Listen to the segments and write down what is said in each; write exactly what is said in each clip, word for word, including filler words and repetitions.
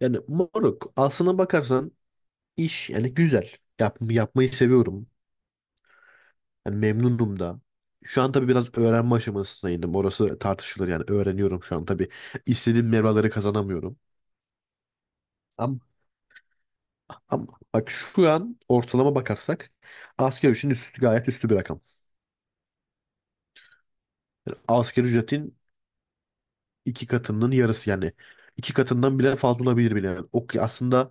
Yani moruk, aslına bakarsan iş yani güzel. Yap, yapmayı seviyorum. Yani memnunum da. Şu an tabii biraz öğrenme aşamasındaydım. Orası tartışılır, yani öğreniyorum şu an tabii. istediğim mevraları kazanamıyorum. Ama, ama bak, şu an ortalama bakarsak asgari ücretin üstü, gayet üstü bir rakam. Yani asgari ücretin iki katının yarısı, yani iki katından bile fazla olabilir bile. Yani ok aslında.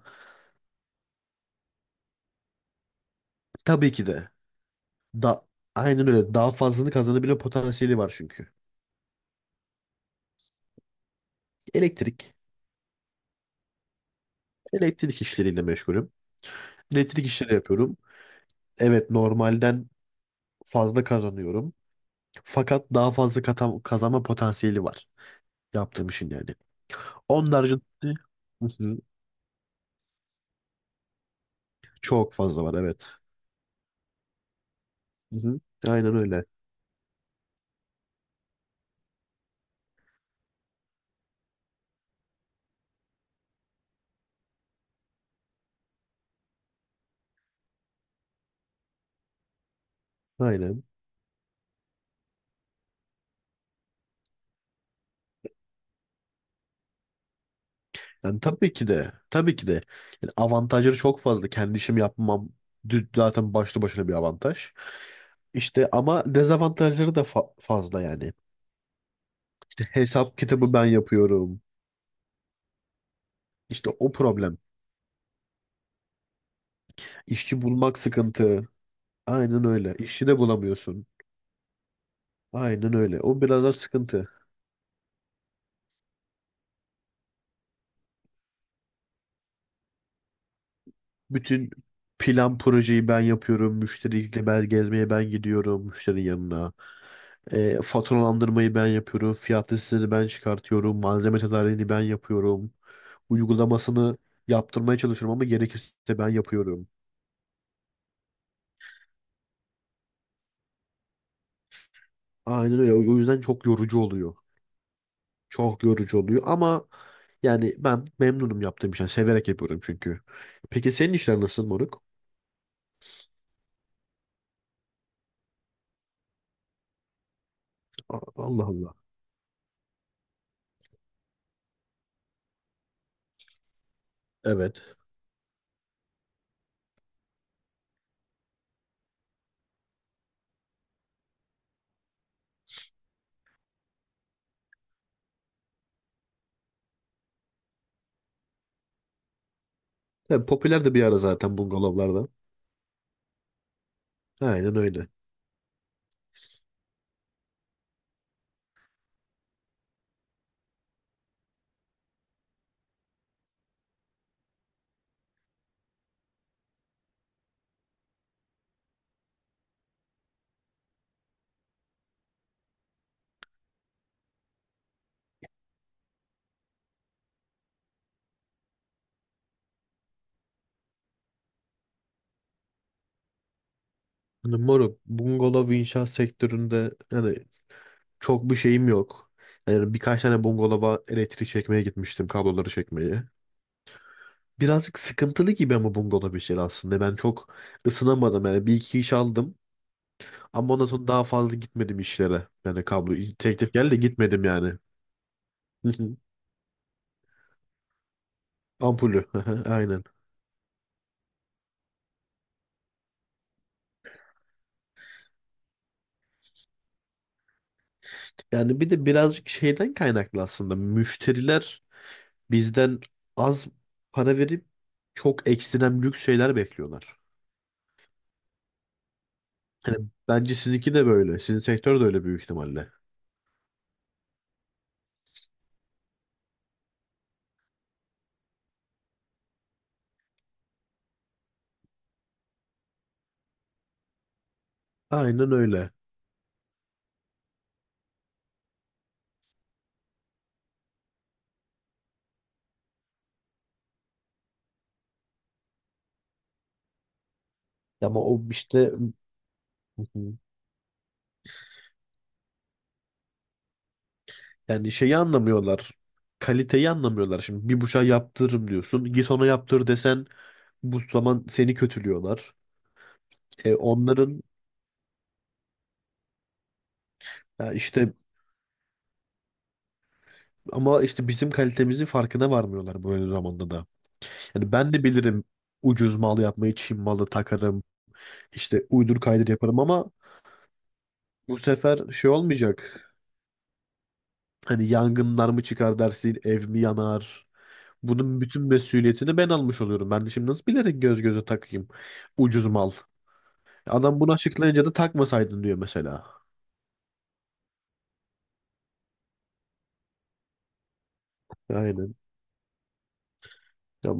Tabii ki de, da aynen öyle, daha fazlasını kazanabilme potansiyeli var çünkü. Elektrik, elektrik işleriyle meşgulüm. Elektrik işleri yapıyorum. Evet, normalden fazla kazanıyorum. Fakat daha fazla kata- kazanma potansiyeli var yaptığım işin yani. Onun haricinde. Hı hı. Çok fazla var, evet. Hı hı. Aynen öyle. Aynen. Yani tabii ki de. Tabii ki de. Yani avantajları çok fazla. Kendi işimi yapmam dü- zaten başlı başına bir avantaj. İşte ama dezavantajları da fa- fazla yani. İşte hesap kitabı ben yapıyorum. İşte o problem. İşçi bulmak sıkıntı. Aynen öyle. İşçi de bulamıyorsun. Aynen öyle. O biraz da sıkıntı. Bütün plan projeyi ben yapıyorum. Müşteriyle ben gezmeye ben gidiyorum, müşterinin yanına. E, faturalandırmayı ben yapıyorum. Fiyat listesini ben çıkartıyorum. Malzeme tedariğini ben yapıyorum. Uygulamasını yaptırmaya çalışıyorum ama gerekirse ben yapıyorum. Aynen öyle. O o yüzden çok yorucu oluyor. Çok yorucu oluyor ama yani ben memnunum yaptığım işten. Severek yapıyorum çünkü. Peki senin işler nasıl moruk? A- Allah Allah. Evet. Ya, popüler de bir ara zaten bungalovlarda. Aynen öyle. Yani moruk, bungalov inşaat sektöründe yani çok bir şeyim yok. Yani birkaç tane bungalova elektrik çekmeye gitmiştim, kabloları çekmeye. Birazcık sıkıntılı gibi ama bungalov işleri aslında. Ben çok ısınamadım yani, bir iki iş aldım ama ondan sonra daha fazla gitmedim işlere. Yani kablo teklif geldi de gitmedim yani. Hı hı. Ampulü. Hı hı, aynen. Yani bir de birazcık şeyden kaynaklı aslında. Müşteriler bizden az para verip çok ekstrem lüks şeyler bekliyorlar. Hani bence sizinki de böyle. Sizin sektör de öyle büyük ihtimalle. Aynen öyle. Ama o işte, yani şeyi anlamıyorlar. Kaliteyi anlamıyorlar. Şimdi bir bıçağı yaptırırım diyorsun. Git ona yaptır desen bu zaman seni kötülüyorlar. E onların, ya işte, ama işte bizim kalitemizin farkına varmıyorlar böyle zamanda da. Yani ben de bilirim ucuz mal yapmayı, Çin malı takarım, işte uydur kaydır yaparım ama bu sefer şey olmayacak. Hani yangınlar mı çıkar dersin, ev mi yanar? Bunun bütün mesuliyetini ben almış oluyorum. Ben de şimdi nasıl bilerek göz göze takayım ucuz mal? Adam bunu açıklayınca da takmasaydın diyor mesela. Aynen. Ya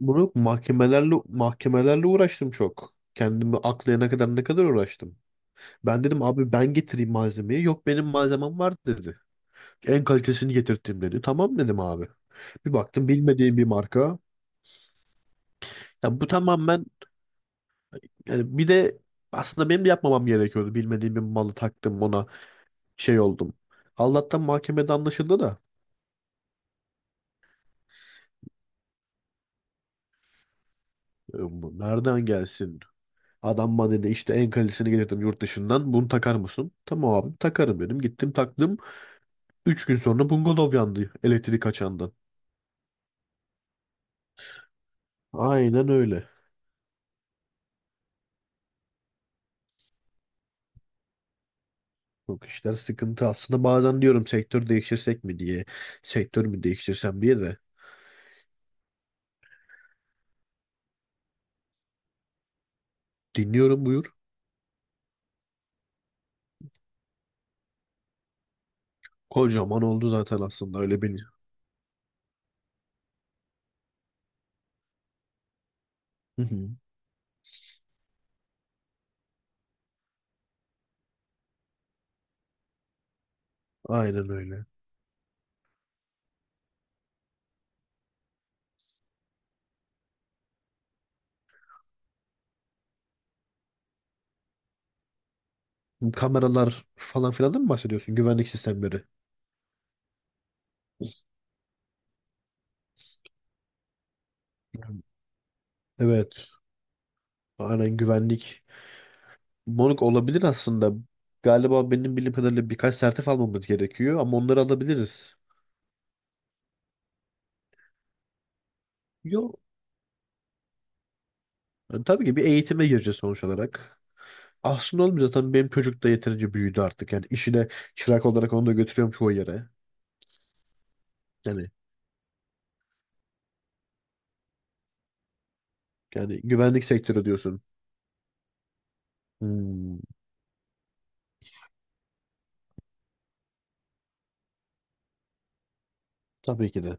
bunu mahkemelerle mahkemelerle uğraştım çok. Kendimi aklayana kadar ne kadar uğraştım. Ben dedim abi ben getireyim malzemeyi. Yok benim malzemem var dedi. En kalitesini getirttim dedi. Tamam dedim abi. Bir baktım bilmediğim bir marka. Ya bu tamamen, yani bir de aslında benim de yapmamam gerekiyordu. Bilmediğim bir malı taktım ona, şey oldum. Allah'tan mahkemede anlaşıldı da, e, bu nereden gelsin? Adam bana dedi işte en kalitesini getirdim yurt dışından. Bunu takar mısın? Tamam abi takarım dedim. Gittim taktım. Üç gün sonra bungalov yandı elektrik açandan. Aynen öyle. Çok işler sıkıntı. Aslında bazen diyorum sektör değiştirsek mi diye. Sektör mü değiştirsem diye de. Dinliyorum, buyur. Kocaman oldu zaten aslında öyle bir. Hı hı. Aynen öyle. Kameralar falan filan da mı bahsediyorsun? Güvenlik sistemleri. Evet. Aynen, güvenlik. Moruk, olabilir aslında. Galiba benim bildiğim kadarıyla birkaç sertif almamız gerekiyor ama onları alabiliriz. Yo, yani tabii ki bir eğitime gireceğiz sonuç olarak. Aslında olmuyor zaten, benim çocuk da yeterince büyüdü artık. Yani işine çırak olarak onu da götürüyorum çoğu yere. Yani yani güvenlik sektörü diyorsun. Hmm, tabii ki de.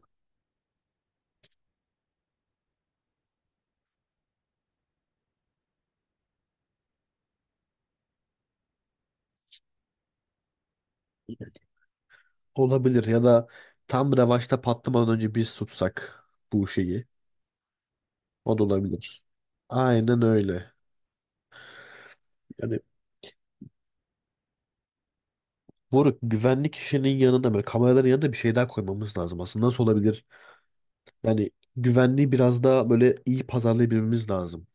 Olabilir ya da tam revaçta patlamadan önce biz tutsak bu şeyi. O da olabilir. Aynen öyle. Yani moruk, güvenlik işinin yanında, böyle kameraların yanında bir şey daha koymamız lazım aslında. Nasıl olabilir? Yani güvenliği biraz daha böyle iyi pazarlayabilmemiz lazım.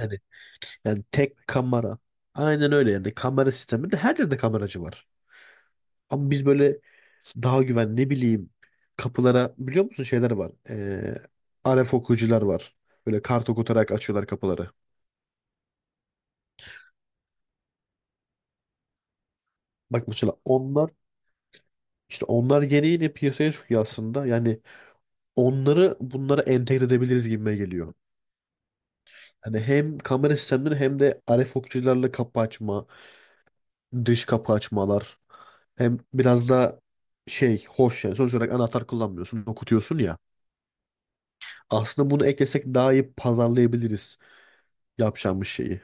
Yani, yani tek kamera. Aynen öyle, yani kamera sisteminde her yerde kameracı var. Ama biz böyle daha güven, ne bileyim, kapılara biliyor musun şeyler var. Ee, R F okuyucular var. Böyle kart okutarak açıyorlar kapıları. Bak mesela onlar, işte onlar yeni yeni piyasaya çıkıyor aslında. Yani onları bunlara entegre edebiliriz gibime geliyor. Hani hem kamera sistemleri hem de R F okuyucularla kapı açma, dış kapı açmalar. Hem biraz da şey hoş yani. Sonuç olarak anahtar kullanmıyorsun, okutuyorsun ya. Aslında bunu eklesek daha iyi pazarlayabiliriz yapacağımız şeyi.